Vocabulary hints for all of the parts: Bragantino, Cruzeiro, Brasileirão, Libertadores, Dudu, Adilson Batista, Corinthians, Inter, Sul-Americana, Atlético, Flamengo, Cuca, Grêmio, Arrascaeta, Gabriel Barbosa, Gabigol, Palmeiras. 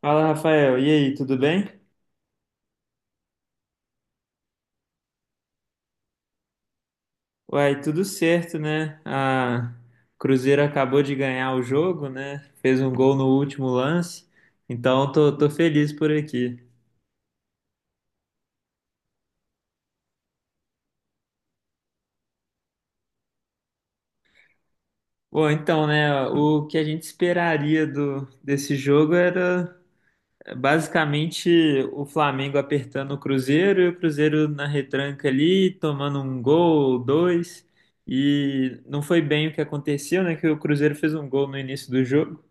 Fala, Rafael. E aí, tudo bem? Uai, tudo certo, né? A Cruzeiro acabou de ganhar o jogo, né? Fez um gol no último lance, então tô feliz por aqui. Bom, então, né? O que a gente esperaria desse jogo era basicamente o Flamengo apertando o Cruzeiro e o Cruzeiro na retranca ali, tomando um gol, dois. E não foi bem o que aconteceu, né? Que o Cruzeiro fez um gol no início do jogo.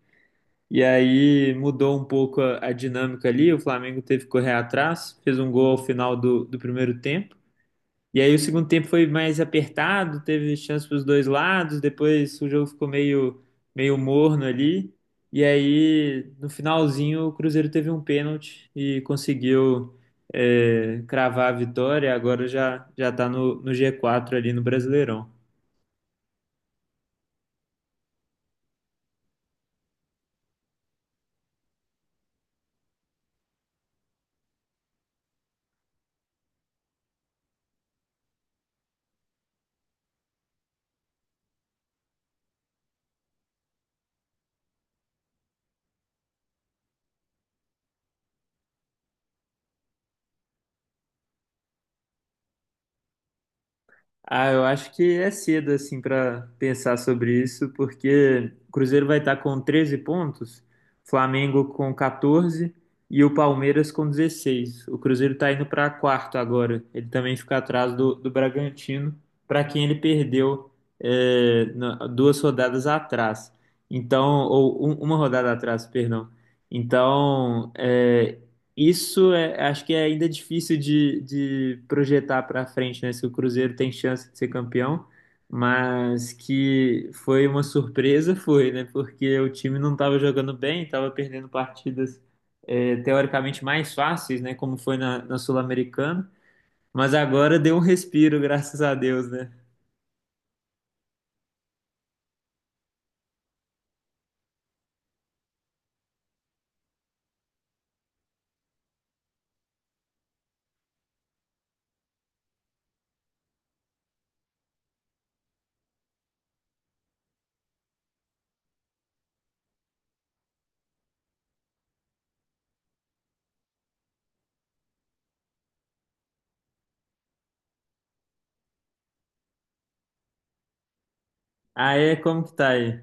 E aí mudou um pouco a dinâmica ali. O Flamengo teve que correr atrás, fez um gol ao final do primeiro tempo. E aí o segundo tempo foi mais apertado, teve chance para os dois lados. Depois o jogo ficou meio morno ali. E aí no finalzinho o Cruzeiro teve um pênalti e conseguiu, cravar a vitória. Agora já já está no G4 ali no Brasileirão. Ah, eu acho que é cedo assim para pensar sobre isso, porque o Cruzeiro vai estar com 13 pontos, Flamengo com 14 e o Palmeiras com 16. O Cruzeiro está indo para quarto agora. Ele também fica atrás do Bragantino, para quem ele perdeu, duas rodadas atrás. Então, ou uma rodada atrás, perdão. Então, acho que é ainda difícil de projetar para frente, né? Se o Cruzeiro tem chance de ser campeão, mas que foi uma surpresa, foi, né? Porque o time não estava jogando bem, estava perdendo partidas teoricamente mais fáceis, né? Como foi na Sul-Americana, mas agora deu um respiro, graças a Deus, né? Aí, como que tá aí?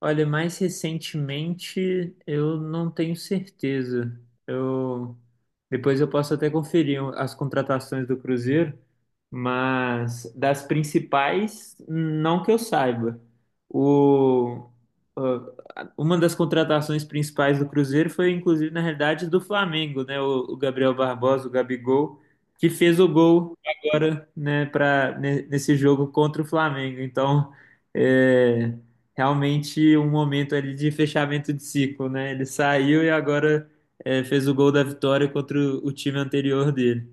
Olha, mais recentemente eu não tenho certeza. Eu Depois eu posso até conferir as contratações do Cruzeiro, mas das principais, não que eu saiba. O, uma das contratações principais do Cruzeiro foi, inclusive, na realidade, do Flamengo, né? O Gabriel Barbosa, o Gabigol, que fez o gol agora, né, nesse jogo contra o Flamengo. Então, é realmente um momento ali de fechamento de ciclo, né? Ele saiu e agora, fez o gol da vitória contra o time anterior dele.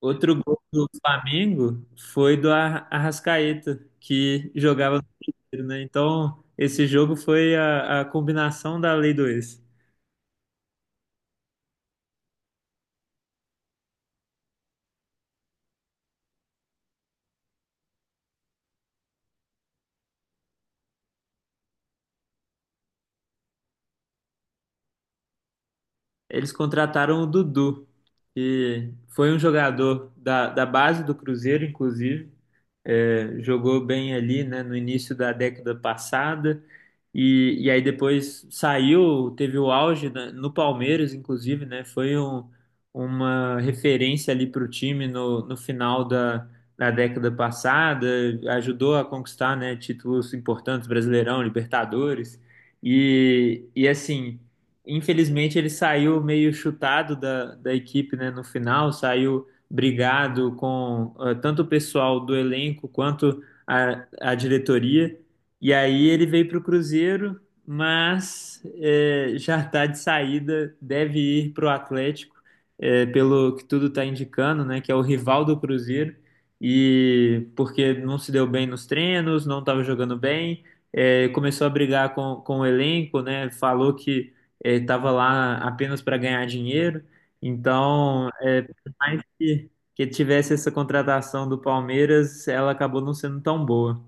Outro gol do Flamengo foi do Arrascaeta, que jogava no Cruzeiro, né? Então, esse jogo foi a combinação da Lei do ex. Eles contrataram o Dudu, que foi um jogador da base do Cruzeiro, inclusive. É, jogou bem ali, né, no início da década passada. E aí depois saiu, teve o auge no Palmeiras, inclusive, né? Foi uma referência ali para o time no final da década passada. Ajudou a conquistar, né, títulos importantes, Brasileirão, Libertadores. E assim. Infelizmente, ele saiu meio chutado da equipe, né, no final, saiu brigado com, tanto o pessoal do elenco quanto a diretoria. E aí ele veio para o Cruzeiro, mas já está de saída, deve ir para o Atlético, pelo que tudo está indicando, né, que é o rival do Cruzeiro. E porque não se deu bem nos treinos, não estava jogando bem, começou a brigar com o elenco, né? Falou que ele estava lá apenas para ganhar dinheiro. Então, é, por mais que tivesse essa contratação do Palmeiras, ela acabou não sendo tão boa.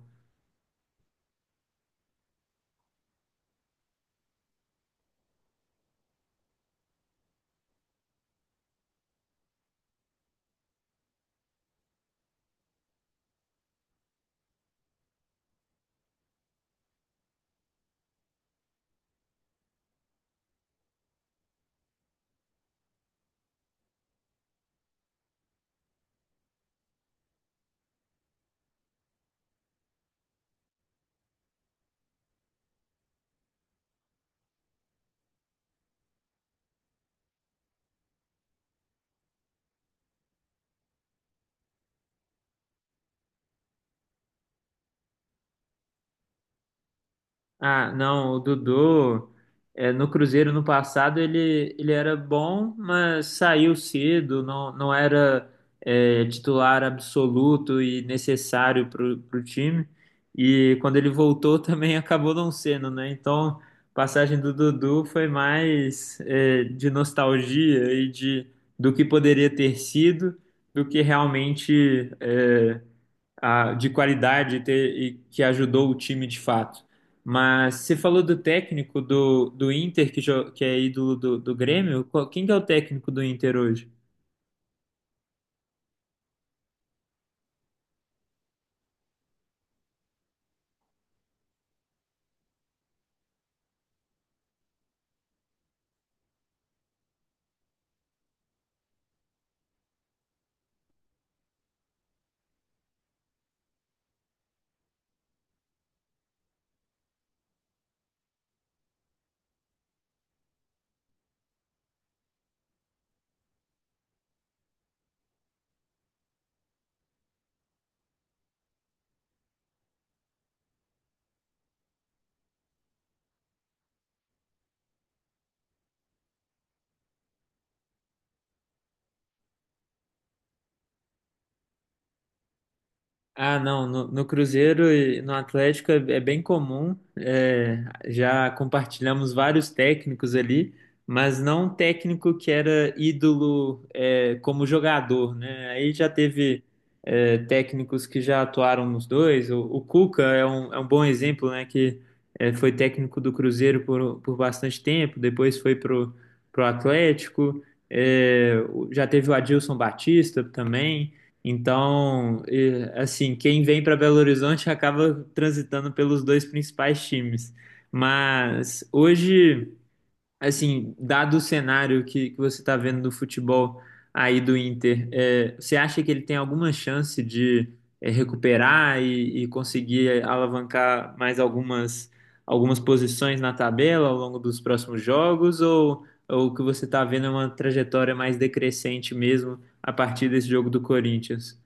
Ah, não, o Dudu, no Cruzeiro no passado ele era bom, mas saiu cedo, não era, titular absoluto e necessário para o time. E quando ele voltou também acabou não sendo, né? Então, a passagem do Dudu foi mais, de nostalgia e do que poderia ter sido do que realmente, de qualidade e e que ajudou o time de fato. Mas você falou do técnico do Inter, que é ídolo do Grêmio. Quem que é o técnico do Inter hoje? Ah, não, no Cruzeiro e no Atlético é bem comum, é, já compartilhamos vários técnicos ali, mas não um técnico que era ídolo, é, como jogador, né? Aí já teve, técnicos que já atuaram nos dois, o Cuca é um bom exemplo, né? Foi técnico do Cruzeiro por bastante tempo, depois foi pro Atlético, já teve o Adilson Batista também. Então, e, assim, quem vem para Belo Horizonte acaba transitando pelos dois principais times. Mas hoje, assim, dado o cenário que você está vendo do futebol aí do Inter, é, você acha que ele tem alguma chance de, recuperar e conseguir alavancar mais algumas posições na tabela ao longo dos próximos jogos? Ou o que você está vendo é uma trajetória mais decrescente mesmo a partir desse jogo do Corinthians?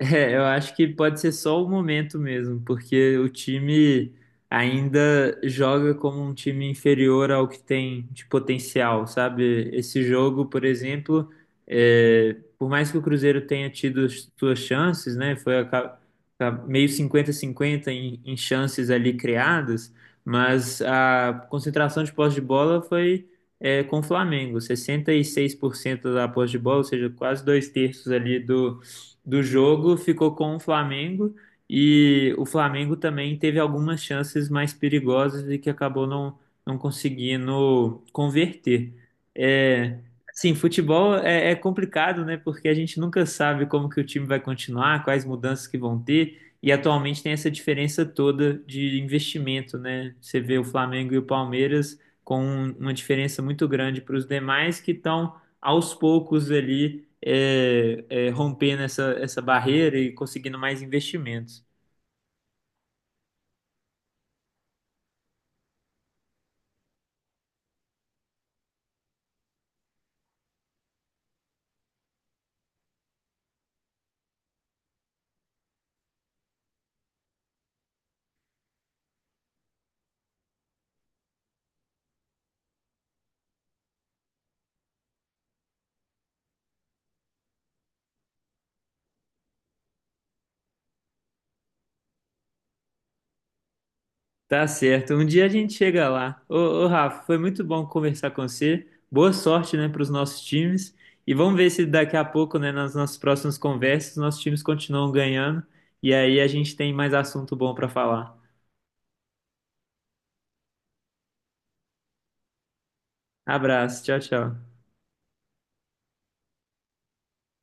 É, eu acho que pode ser só o momento mesmo, porque o time ainda joga como um time inferior ao que tem de potencial, sabe? Esse jogo, por exemplo, é, por mais que o Cruzeiro tenha tido as suas chances, né? Tá meio 50-50 em chances ali criadas, mas a concentração de posse de bola foi, é, com o Flamengo, 66% da posse de bola, ou seja, quase dois terços ali do jogo ficou com o Flamengo e o Flamengo também teve algumas chances mais perigosas e que acabou não, não conseguindo converter. É, sim, futebol é complicado, né? Porque a gente nunca sabe como que o time vai continuar, quais mudanças que vão ter. E atualmente tem essa diferença toda de investimento, né? Você vê o Flamengo e o Palmeiras com uma diferença muito grande para os demais que estão aos poucos ali rompendo essa barreira e conseguindo mais investimentos. Tá certo. Um dia a gente chega lá. Ô, Rafa, foi muito bom conversar com você. Boa sorte, né, para os nossos times. E vamos ver se daqui a pouco, né, nas nossas próximas conversas, nossos times continuam ganhando. E aí a gente tem mais assunto bom para falar. Abraço. Tchau, tchau.